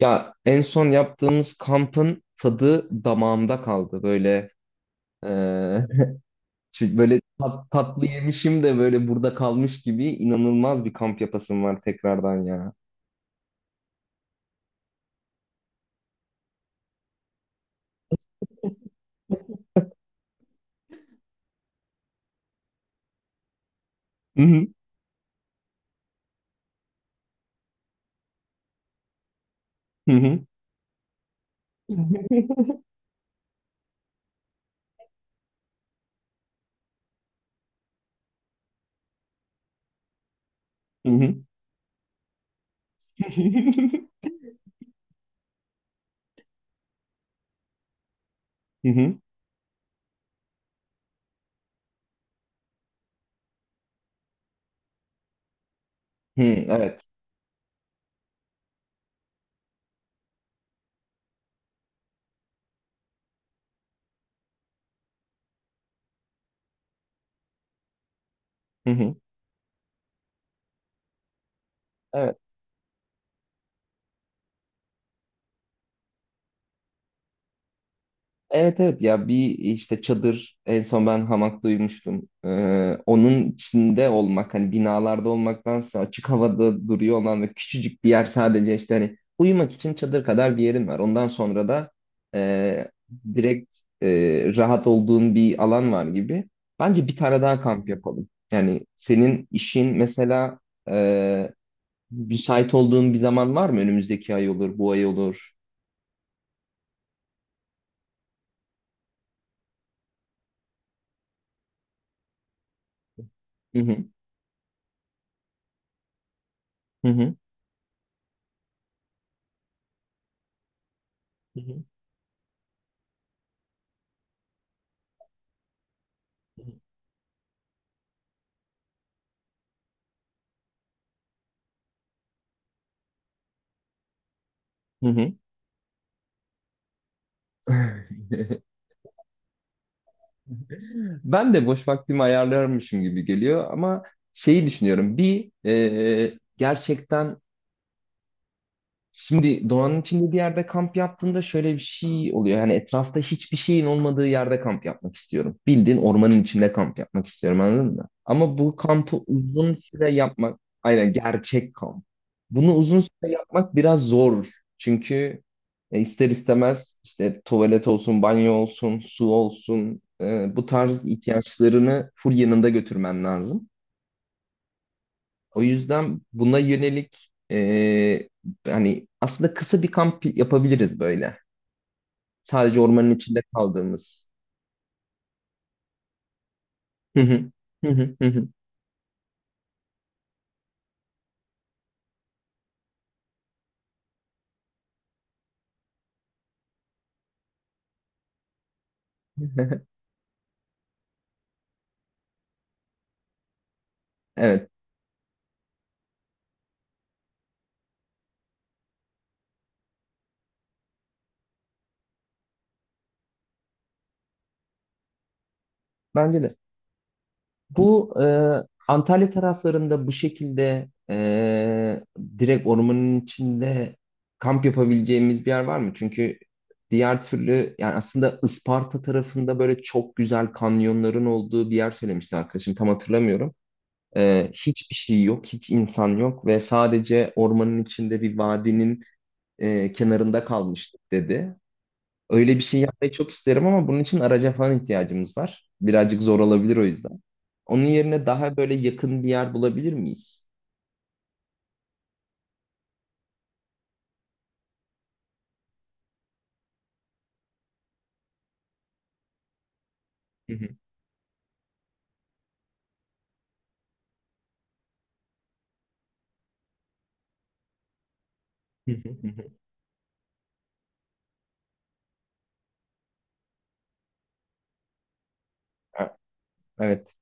Ya en son yaptığımız kampın tadı damağımda kaldı. Böyle eee, böyle tatlı yemişim de böyle burada kalmış gibi inanılmaz bir kamp yapasım var tekrardan ya. Hı hı, hı hı. Hı hı, hı hı. Hı hı, hı, evet. Hı hı, evet. Evet evet ya bir işte çadır en son ben hamak duymuştum. Onun içinde olmak hani binalarda olmaktansa açık havada duruyor olan ve küçücük bir yer sadece işte hani uyumak için çadır kadar bir yerin var. Ondan sonra da e, direkt rahat olduğun bir alan var gibi. Bence bir tane daha kamp yapalım. Yani senin işin mesela e, müsait olduğun bir zaman var mı? Önümüzdeki ay olur, bu ay olur. Hı hı. Hı hı. Hı hı. Hı hı. Ben de boş vaktimi ayarlarmışım gibi geliyor ama şeyi düşünüyorum. Bir e, gerçekten Şimdi doğanın içinde bir yerde kamp yaptığında şöyle bir şey oluyor. Yani etrafta hiçbir şeyin olmadığı yerde kamp yapmak istiyorum. Bildiğin ormanın içinde kamp yapmak istiyorum, anladın mı? Ama bu kampı uzun süre yapmak, aynen gerçek kamp. Bunu uzun süre yapmak biraz zor. Çünkü ister istemez işte tuvalet olsun, banyo olsun, su olsun, bu tarz ihtiyaçlarını full yanında götürmen lazım. O yüzden buna yönelik hani aslında kısa bir kamp yapabiliriz böyle. Sadece ormanın içinde kaldığımız. Hı hı. Hı hı, hı hı. Evet, bence de. Bu Antalya taraflarında bu şekilde direkt ormanın içinde kamp yapabileceğimiz bir yer var mı? Çünkü diğer türlü yani aslında Isparta tarafında böyle çok güzel kanyonların olduğu bir yer söylemişti arkadaşım. Tam hatırlamıyorum. Hiçbir şey yok, hiç insan yok ve sadece ormanın içinde bir vadinin kenarında kalmıştık dedi. Öyle bir şey yapmayı çok isterim ama bunun için araca falan ihtiyacımız var. Birazcık zor olabilir o yüzden. Onun yerine daha böyle yakın bir yer bulabilir miyiz? Hı hı, hı hı, hı hı. Ha, evet.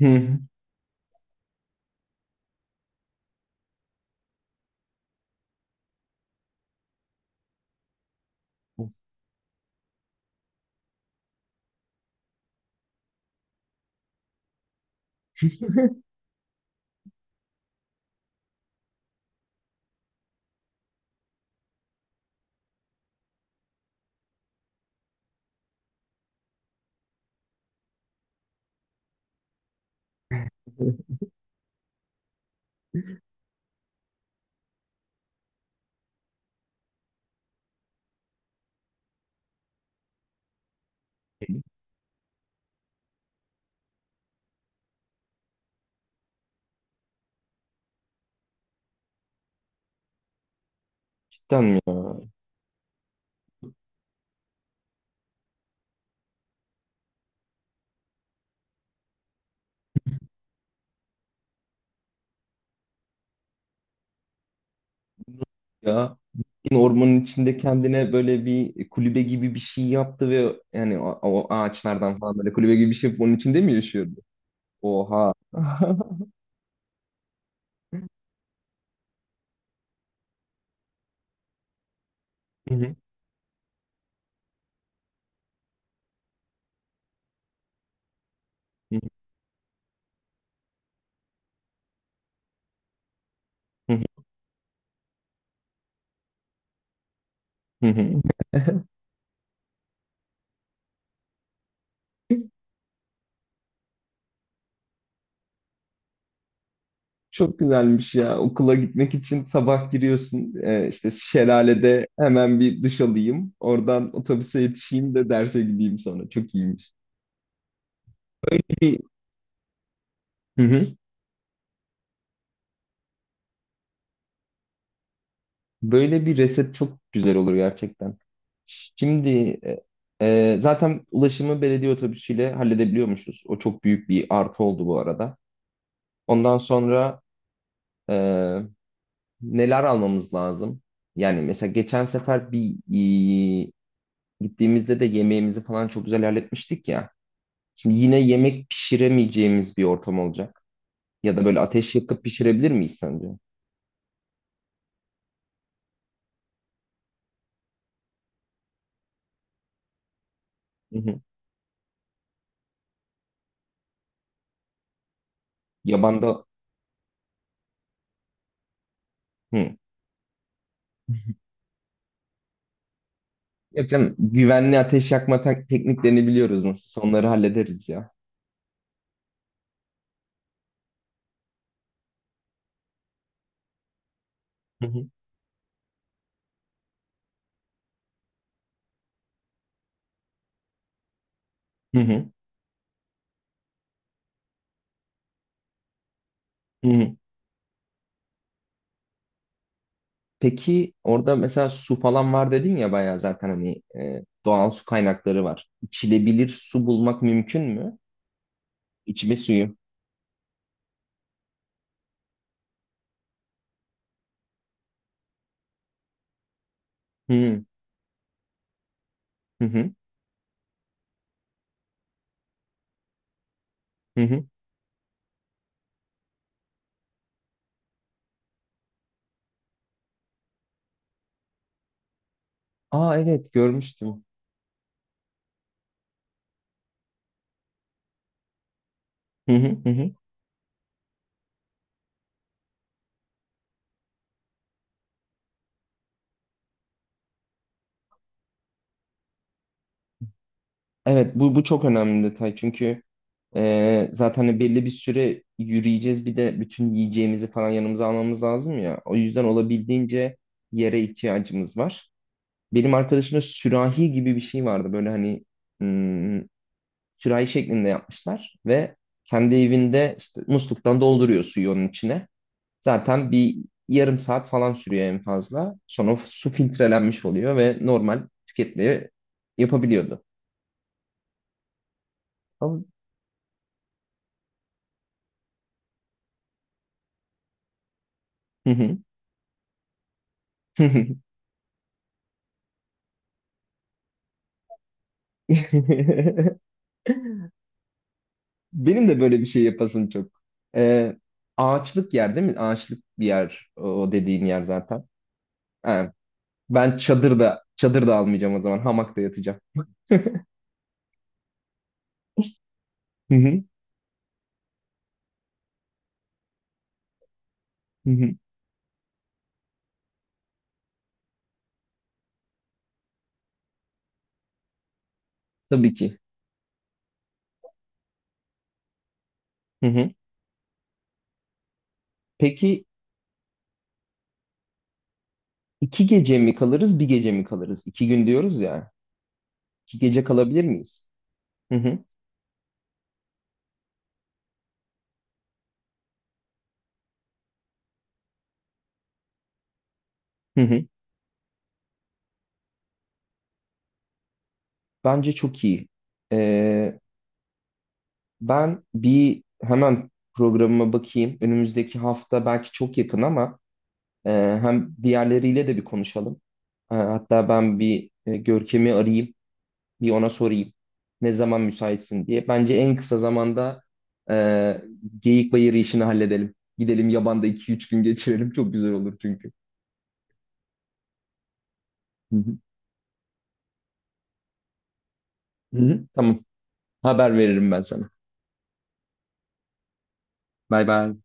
Hı hı. Cidden mi ya? Ya yine ormanın içinde kendine böyle bir kulübe gibi bir şey yaptı ve yani o, o ağaçlardan falan böyle kulübe gibi bir şey yapıp onun içinde mi yaşıyordu? Oha. Hı hı, hı hı, hı hı, hı hı. Çok güzelmiş ya. Okula gitmek için sabah giriyorsun. E, işte şelalede hemen bir duş alayım. Oradan otobüse yetişeyim de derse gideyim sonra. Çok iyiymiş. Böyle bir, hı hı. Böyle bir reset çok güzel olur gerçekten. Şimdi e, zaten ulaşımı belediye otobüsüyle halledebiliyormuşuz. O çok büyük bir artı oldu bu arada. Ondan sonra e, neler almamız lazım? Yani mesela geçen sefer gittiğimizde de yemeğimizi falan çok güzel halletmiştik ya. Şimdi yine yemek pişiremeyeceğimiz bir ortam olacak. Ya da böyle ateş yakıp pişirebilir miyiz sence? Hı hı. Yabanda... Hı. Yok canım, güvenli ateş yakma tekniklerini biliyoruz nasıl. Onları hallederiz ya. Hı hı. Hı hı. Hı hı. Peki orada mesela su falan var dedin ya, bayağı zaten hani doğal su kaynakları var. İçilebilir su bulmak mümkün mü? İçme suyu. Hı hı hı hı. Hı hı. Aa, evet, görmüştüm. Hı hı hı. Hı. Evet, bu çok önemli bir detay çünkü zaten hani belli bir süre yürüyeceğiz, bir de bütün yiyeceğimizi falan yanımıza almamız lazım ya. O yüzden olabildiğince yere ihtiyacımız var. Benim arkadaşımda sürahi gibi bir şey vardı böyle hani hmm, sürahi şeklinde yapmışlar ve kendi evinde işte musluktan dolduruyor suyu onun içine. Zaten bir yarım saat falan sürüyor en fazla. Sonra su filtrelenmiş oluyor ve normal tüketmeyi yapabiliyordu. Ama- Hı hı. Benim de böyle bir şey yapasım çok. Ee, Ağaçlık yer değil mi? Ağaçlık bir yer o o dediğin yer zaten. Ha, ben çadırda almayacağım o zaman. Hamakta yatacağım. Hı hı, hı hı. Tabii ki. Hı hı. Peki 2 gece mi kalırız, bir gece mi kalırız? 2 gün diyoruz ya. 2 gece kalabilir miyiz? Hı hı, hı hı. Bence çok iyi. Ee, ben bir hemen programıma bakayım. Önümüzdeki hafta belki çok yakın ama hem diğerleriyle de bir konuşalım. Hatta ben bir Görkem'i arayayım, bir ona sorayım ne zaman müsaitsin diye. Bence en kısa zamanda e, Geyik Bayırı işini halledelim. Gidelim yabanda 2-3 gün geçirelim. Çok güzel olur çünkü. Hı hı. Hı hı. Tamam, haber veririm ben sana. Bay bay.